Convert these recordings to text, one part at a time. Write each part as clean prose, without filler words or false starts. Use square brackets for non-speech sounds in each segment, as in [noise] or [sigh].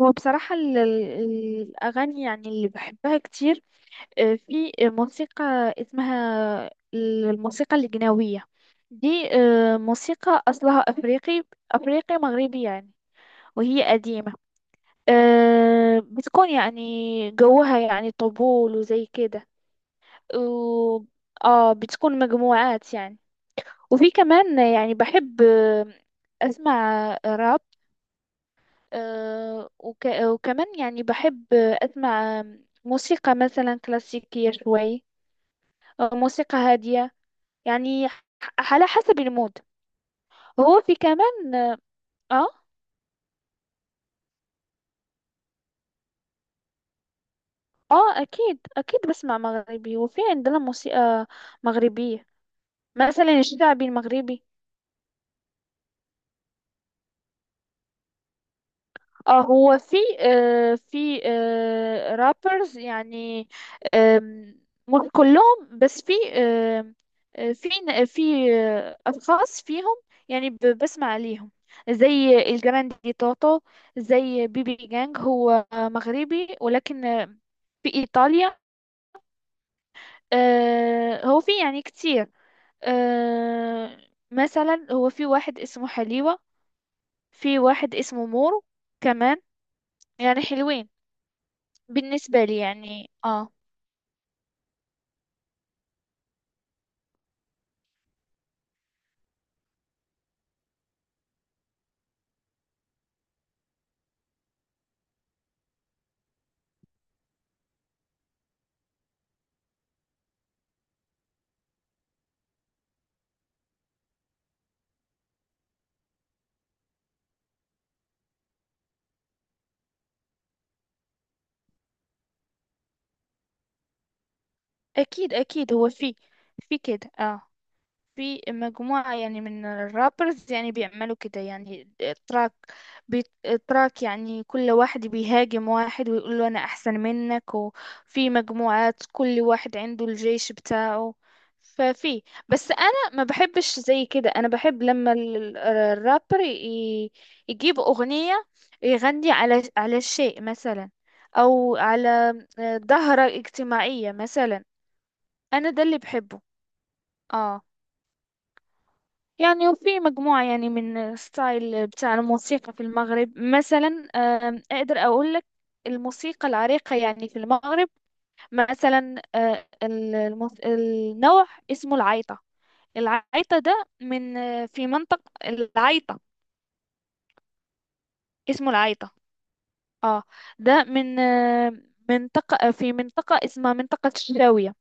هو بصراحة الأغاني يعني اللي بحبها كتير. في موسيقى اسمها الموسيقى الجناوية. دي موسيقى أصلها أفريقي أفريقي مغربي يعني، وهي قديمة. بتكون يعني جوها يعني طبول وزي كده، و- اه بتكون مجموعات يعني. وفي كمان يعني بحب أسمع راب، وكمان يعني بحب أسمع موسيقى مثلا كلاسيكية شوي، أو موسيقى هادية يعني، على حسب المود. هو في كمان. آه أكيد أكيد بسمع مغربي، وفي عندنا موسيقى مغربية مثلا الشعبي المغربي. اه، هو في رابرز يعني، آم، مش كلهم، بس في آم، آه في ن- في آه اشخاص فيهم يعني بسمع ليهم، زي الجراندي توتو، زي بيبي جانج. هو مغربي ولكن في ايطاليا. هو في يعني كتير. آه مثلا هو في واحد اسمه حليوة، في واحد اسمه مورو كمان، يعني حلوين بالنسبة لي يعني. اه اكيد اكيد، هو في في كده. اه في مجموعة يعني من الرابرز يعني بيعملوا كده يعني تراك بي تراك. يعني كل واحد بيهاجم واحد ويقول له أنا أحسن منك، وفي مجموعات كل واحد عنده الجيش بتاعه. ففي بس أنا ما بحبش زي كده. أنا بحب لما الرابر يجيب أغنية، يغني على شيء مثلا، أو على ظاهرة اجتماعية مثلا. أنا ده اللي بحبه. اه يعني وفي مجموعة يعني من ستايل بتاع الموسيقى في المغرب. مثلا أقدر أقول لك الموسيقى العريقة يعني في المغرب. مثلا النوع اسمه العيطة. العيطة ده من في منطقة العيطة. اسمه العيطة. اه، ده من منطقة في منطقة اسمها منطقة الشاوية.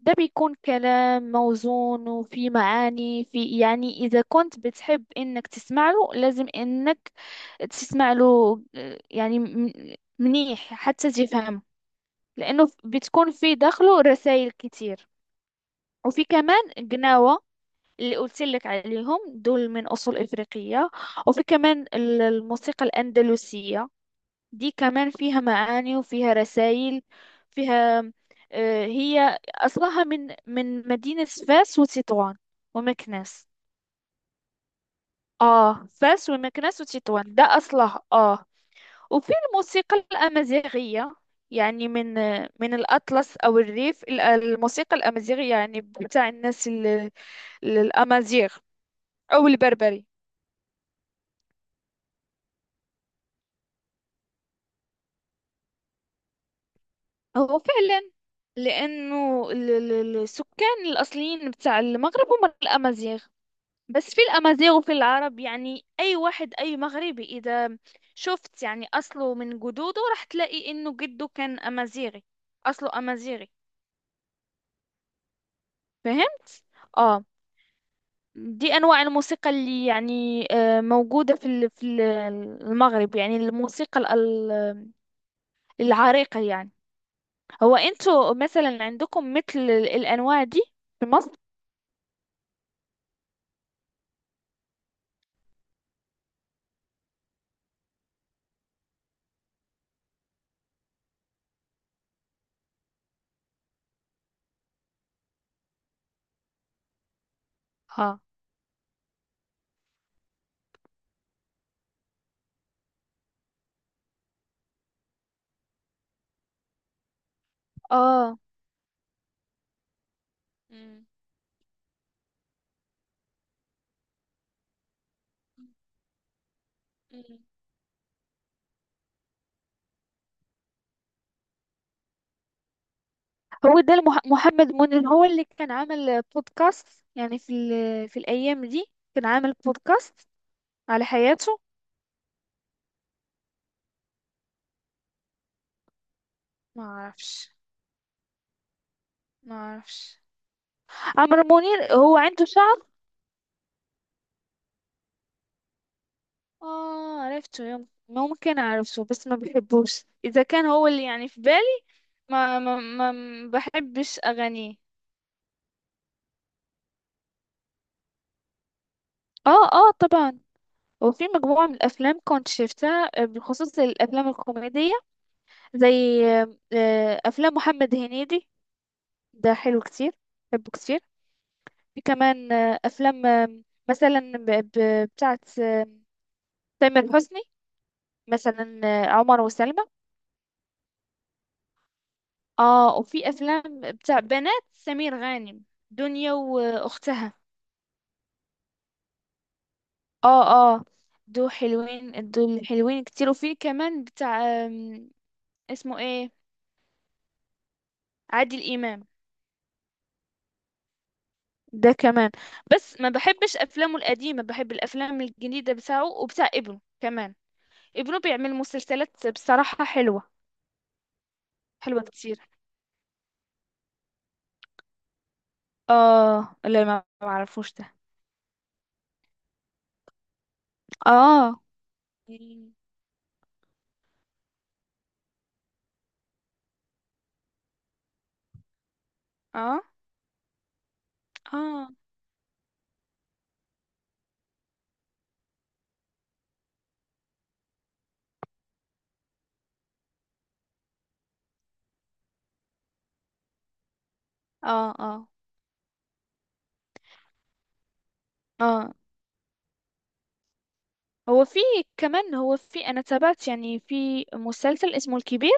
ده بيكون كلام موزون وفي معاني. في يعني إذا كنت بتحب إنك تسمع له، لازم إنك تسمع له يعني منيح حتى تفهم، لأنه بتكون في داخله رسائل كتير. وفي كمان قناوة، اللي قلت لك عليهم دول من أصول إفريقية. وفي كمان الموسيقى الأندلسية، دي كمان فيها معاني وفيها رسائل، فيها هي أصلها من مدينة فاس وتطوان ومكناس. فاس ومكناس وتطوان، ده أصلها. وفي الموسيقى الأمازيغية، يعني من الأطلس أو الريف. الموسيقى الأمازيغية يعني بتاع الناس الأمازيغ أو البربري. هو فعلا، لأنه السكان الأصليين بتاع المغرب هم الأمازيغ. بس في الأمازيغ وفي العرب، يعني أي واحد أي مغربي إذا شفت يعني أصله من جدوده راح تلاقي إنه جده كان أمازيغي، أصله أمازيغي. فهمت؟ آه دي أنواع الموسيقى اللي يعني موجودة في المغرب. يعني الموسيقى العريقة يعني. هو انتوا مثلا عندكم مثل الأنواع دي في مصر؟ اه، اه. مم. مم. هو ده محمد منير هو اللي كان عامل بودكاست يعني في الأيام دي. كان عامل بودكاست على حياته. ما اعرفش ما اعرفش. عمرو منير هو عنده شغف. اه عرفته، ممكن اعرفه، بس ما بحبوش. اذا كان هو اللي يعني في بالي، ما بحبش اغانيه. اه، اه، طبعا. وفي مجموعة من الأفلام كنت شفتها بالخصوص الأفلام الكوميدية، زي أفلام محمد هنيدي. ده حلو كتير، بحبه كتير. في كمان أفلام مثلا بتاعت تامر حسني، مثلا عمر وسلمى. اه، وفي افلام بتاع بنات سمير غانم، دنيا واختها. اه، اه. دول حلوين، دول حلوين كتير. وفي كمان بتاع اسمه ايه، عادل امام. ده كمان. بس ما بحبش افلامه القديمه، بحب الافلام الجديده بتاعه وبتاع ابنه كمان. ابنه بيعمل مسلسلات بصراحه حلوه، حلوه كتير. اه، لا، ما اعرفوش ده. اه. اه. اه. اه. اه. اه. هو في كمان، هو في. انا تابعت يعني في مسلسل اسمه الكبير.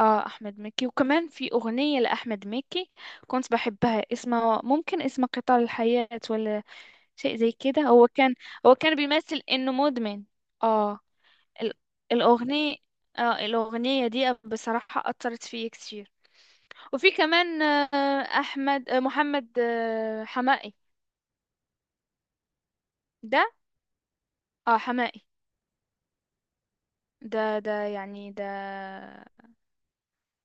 اه، احمد مكي. وكمان في اغنية لاحمد مكي كنت بحبها، اسمها ممكن اسمها قطار الحياة، ولا شيء زي كده. هو كان. هو كان بيمثل انه مدمن. اه. ال- الاغنية اه الاغنية دي بصراحة اثرت فيا كتير. وفي كمان احمد محمد حمائي ده. اه، حمائي ده يعني ده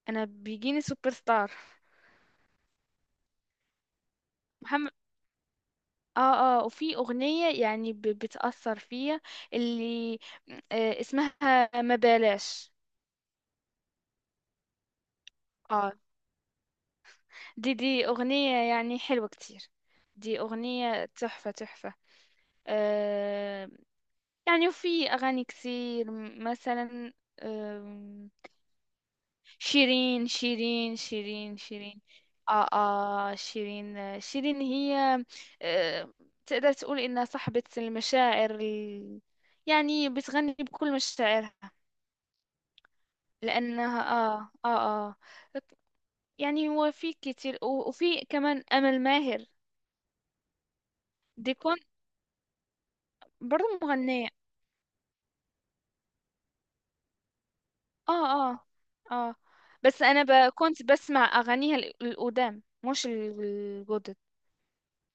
انا بيجيني سوبر ستار محمد. اه، اه. وفي أغنية يعني بتأثر فيا اللي اسمها ما بلاش. اه، دي أغنية يعني حلوة كتير. دي أغنية تحفة تحفة. آه يعني، وفي أغاني كتير، مثلا شيرين، شيرين، شيرين، شيرين. اه، اه، شيرين. شيرين هي آه تقدر تقول انها صاحبة المشاعر يعني بتغني بكل مشاعرها لانها. اه، اه، اه. يعني هو في كتير، وفي كمان امل ماهر. دي كون برضه مغنية. اه، اه، اه. بس انا كنت بسمع اغانيها القدام مش الجدد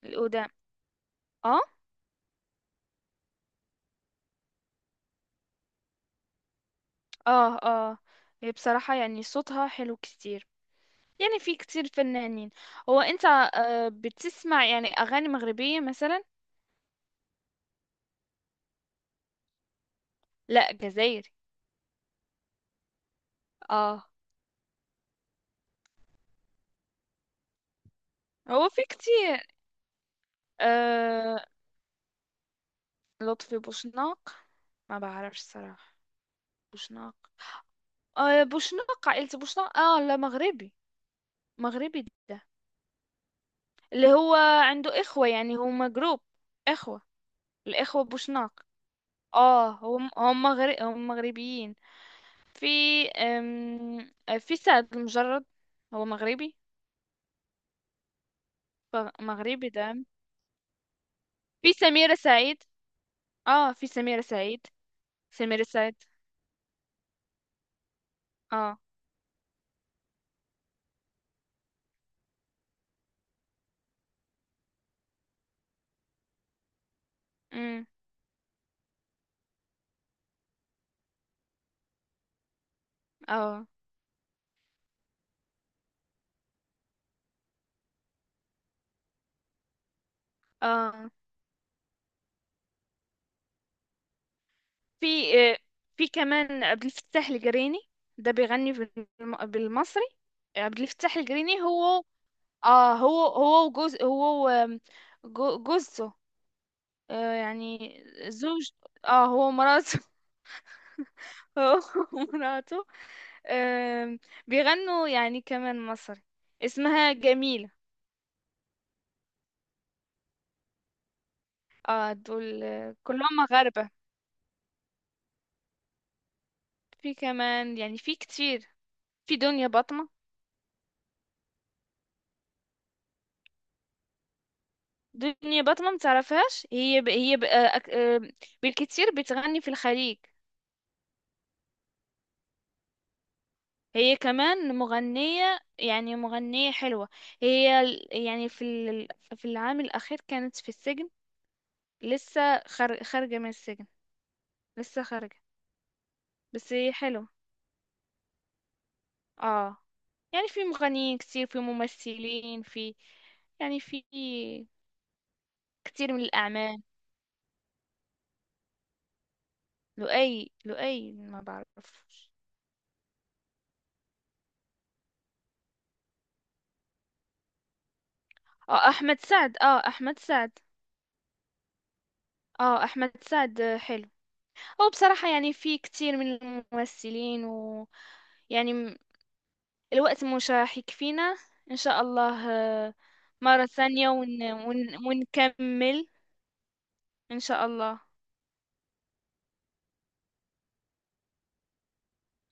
القدام. اه، اه، اه. هي بصراحة يعني صوتها حلو كتير. يعني في كتير فنانين. هو انت، بتسمع يعني اغاني مغربية مثلا؟ لا، جزائري. اه. هو في كتير. آه لطفي بوشناق ما بعرفش صراحة. بوشناق. بوشناق، عائلة بوشناق. اه، لا، مغربي، مغربي ده اللي هو عنده اخوة، يعني هما جروب اخوة، الاخوة بوشناق. اه، هم هم مغربيين. في أم... في سعد المجرد هو مغربي. مغربي ده. في سميرة سعيد. اه، في سميرة سعيد، سميرة سعيد. اه، امم، اه، اه. في آه، في كمان عبد الفتاح القريني ده بيغني بالمصري. عبد الفتاح القريني هو وجوز، جوزته، يعني زوج. اه، هو مراته. هو [laughs] ومراته. آم، بيغنوا يعني كمان مصري، اسمها جميلة. اه، دول كلهم مغاربة. في كمان يعني، في كتير، في دنيا بطمة. دنيا بطمة متعرفهاش. هي ب... هي ب... آه، أك- آه، بالكتير بتغني في الخليج. هي كمان مغنية يعني، مغنية حلوة. هي يعني في العام الأخير كانت في السجن. لسه خارجة من السجن. لسه خارجة. بس هي حلوة. اه. يعني في مغنيين كتير، في ممثلين، في كتير من الأعمال. لؤي، لؤي ما بعرفش. اه، أحمد سعد. اه، أحمد سعد. اه، أحمد سعد حلو. هو بصراحة يعني في كتير من الممثلين، ويعني م- الوقت مش راح يكفينا. إن شاء الله آه، مرة ثانية، ونكمل إن شاء الله.